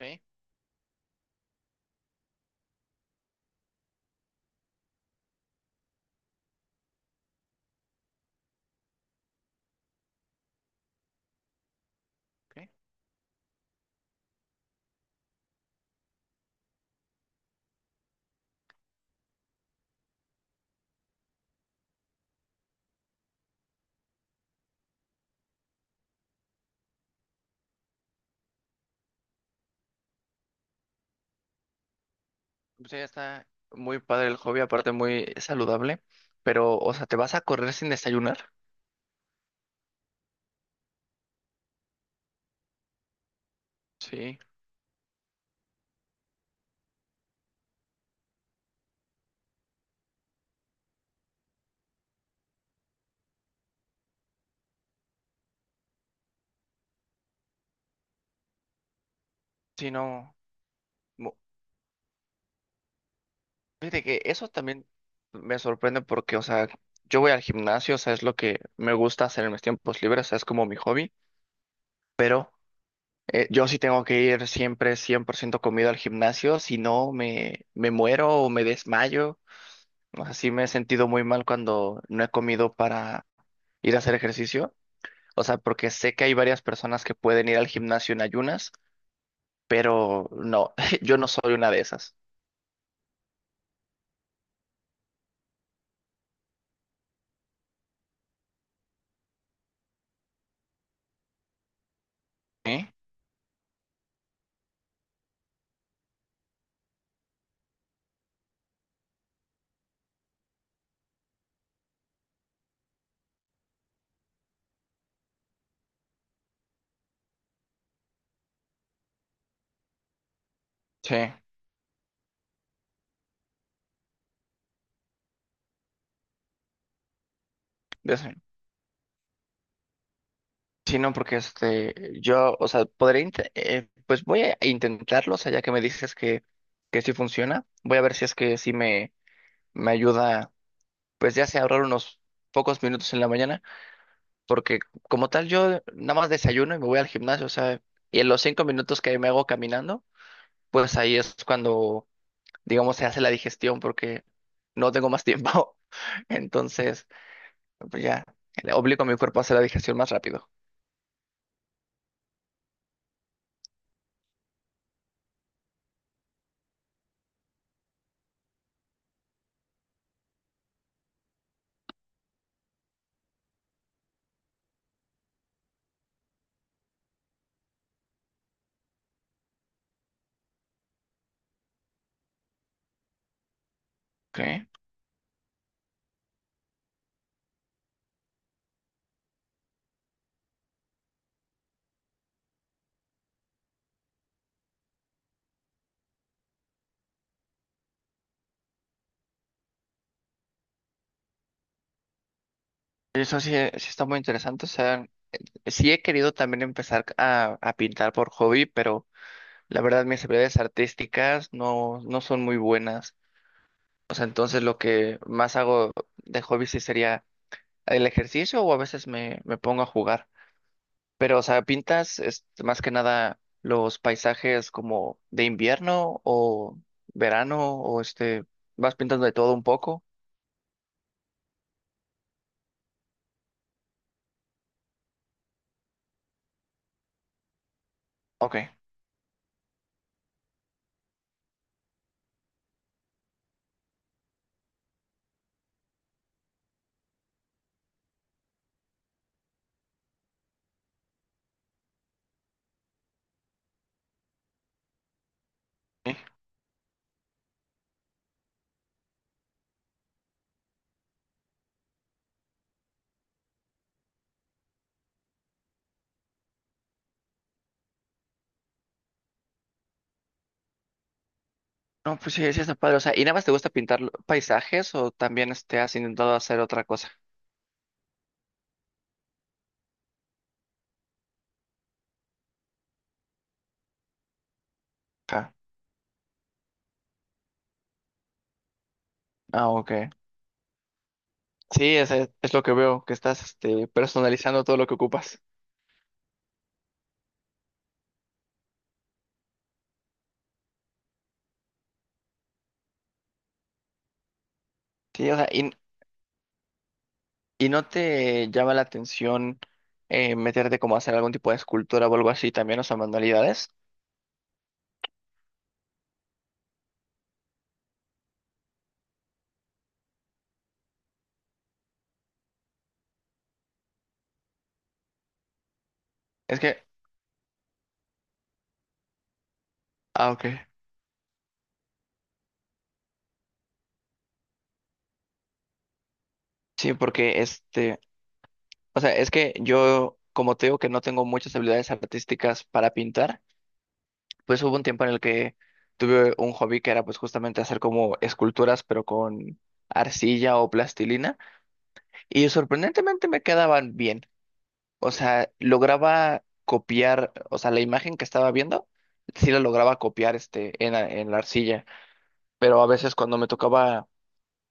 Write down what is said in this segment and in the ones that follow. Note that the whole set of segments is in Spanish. Ok, ok. Pues ya está muy padre el hobby, aparte muy saludable. Pero, o sea, ¿te vas a correr sin desayunar? Sí, sí, no. mo- Fíjate que eso también me sorprende porque, o sea, yo voy al gimnasio, o sea, es lo que me gusta hacer en mis tiempos libres, o sea, es como mi hobby, pero yo sí tengo que ir siempre 100% comido al gimnasio, si no me, me muero o me desmayo. O sea, sí me he sentido muy mal cuando no he comido para ir a hacer ejercicio. O sea, porque sé que hay varias personas que pueden ir al gimnasio en ayunas, pero no, yo no soy una de esas. ¿Sí? Sí. de eso- Sí, no, porque este, yo, o sea, pues voy a intentarlo, o sea, ya que me dices que sí funciona, voy a ver si es que sí me ayuda, pues ya sea ahorrar unos pocos minutos en la mañana, porque como tal yo nada más desayuno y me voy al gimnasio, o sea, y en los 5 minutos que me hago caminando, pues ahí es cuando digamos, se hace la digestión porque no tengo más tiempo. Entonces, pues ya, le obligo a mi cuerpo a hacer la digestión más rápido. Ok. Eso sí, sí está muy interesante. O sea, sí he querido también empezar a pintar por hobby, pero la verdad mis habilidades artísticas no, no son muy buenas. O sea, entonces lo que más hago de hobby sí sería el ejercicio o a veces me, me pongo a jugar. Pero, o sea, ¿pintas este, más que nada los paisajes como de invierno o verano o este, vas pintando de todo un poco? Ok. Sí. No, pues sí, sí está padre. O sea, ¿y nada más te gusta pintar paisajes o también este, has intentado hacer otra cosa? Ajá. Ah, ok. Sí, es, es lo que veo, que estás este, personalizando todo lo que ocupas. Sí, o sea, y no te llama la atención meterte como a hacer algún tipo de escultura o algo así también, o sea, manualidades? Es que, ah, ok. Sí, porque este, o sea, es que yo, como te digo que no tengo muchas habilidades artísticas para pintar, pues hubo un tiempo en el que tuve un hobby que era pues justamente hacer como esculturas, pero con arcilla o plastilina, y sorprendentemente me quedaban bien. O sea, lograba copiar, o sea, la imagen que estaba viendo, sí la lograba copiar este en, en la arcilla, pero a veces cuando me tocaba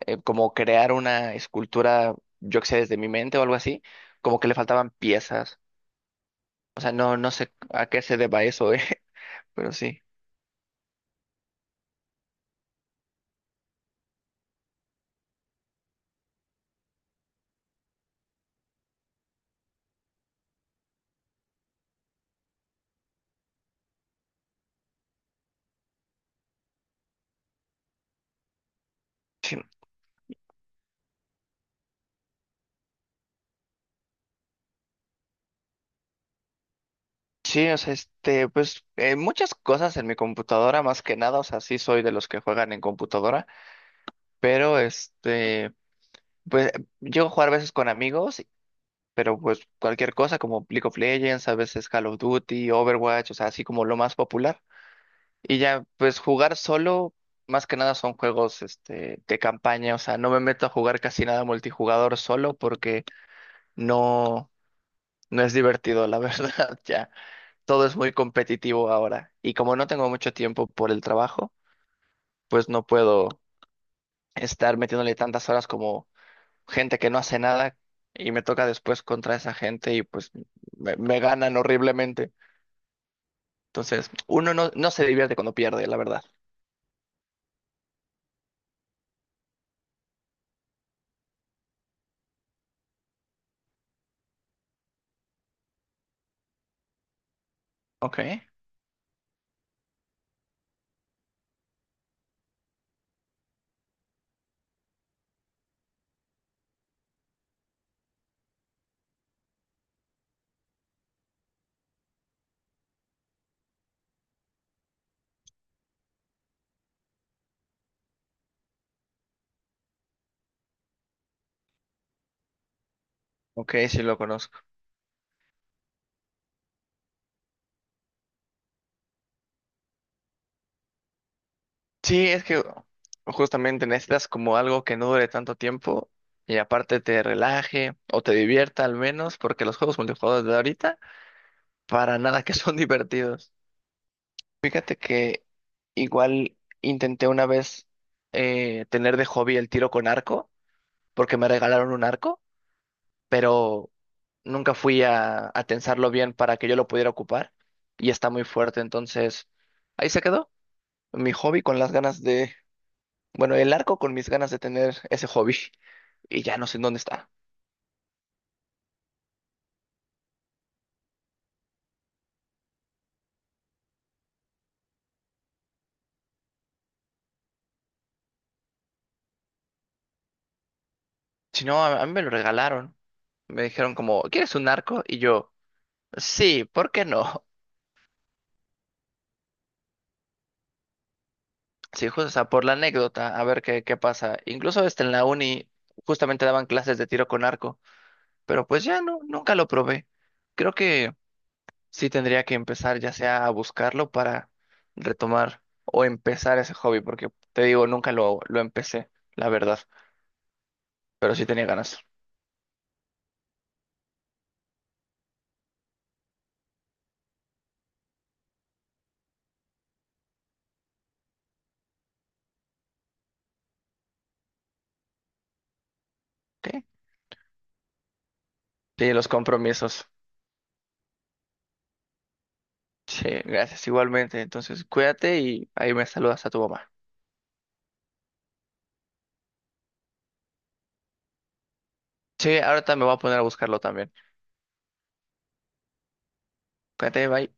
como crear una escultura, yo que sé, desde mi mente o algo así, como que le faltaban piezas. O sea, no, no sé a qué se deba eso, pero sí. Sí, o sea, este, pues muchas cosas en mi computadora, más que nada, o sea, sí soy de los que juegan en computadora, pero este, pues llego a jugar a veces con amigos, pero pues cualquier cosa como League of Legends, a veces Call of Duty, Overwatch, o sea, así como lo más popular. Y ya, pues jugar solo, más que nada son juegos este, de campaña, o sea, no me meto a jugar casi nada multijugador solo porque no, no es divertido, la verdad, ya. Todo es muy competitivo ahora. Y como no tengo mucho tiempo por el trabajo, pues no puedo estar metiéndole tantas horas como gente que no hace nada y me toca después contra esa gente y pues me ganan horriblemente. Entonces, uno no, no se divierte cuando pierde, la verdad. Ok, ok, sí lo conozco. Sí, es que justamente necesitas como algo que no dure tanto tiempo y aparte te relaje o te divierta al menos, porque los juegos multijugadores de ahorita para nada que son divertidos. Fíjate que igual intenté una vez tener de hobby el tiro con arco, porque me regalaron un arco, pero nunca fui a tensarlo bien para que yo lo pudiera ocupar y está muy fuerte, entonces ahí se quedó mi hobby con las ganas de Bueno, el arco con mis ganas de tener ese hobby y ya no sé en dónde está. Si no, a mí me lo regalaron. Me dijeron como, ¿quieres un arco? Y yo, sí, ¿por qué no? Sí, justo, o sea, por la anécdota, a ver qué, qué pasa. Incluso hasta en la uni justamente daban clases de tiro con arco, pero pues ya no, nunca lo probé. Creo que sí tendría que empezar ya sea a buscarlo para retomar o empezar ese hobby, porque te digo, nunca lo empecé, la verdad, pero sí tenía ganas. ¿Ok? Sí, los compromisos. Sí, gracias, igualmente. Entonces, cuídate y ahí me saludas a tu mamá. Sí, ahorita me voy a poner a buscarlo también. Cuídate, bye.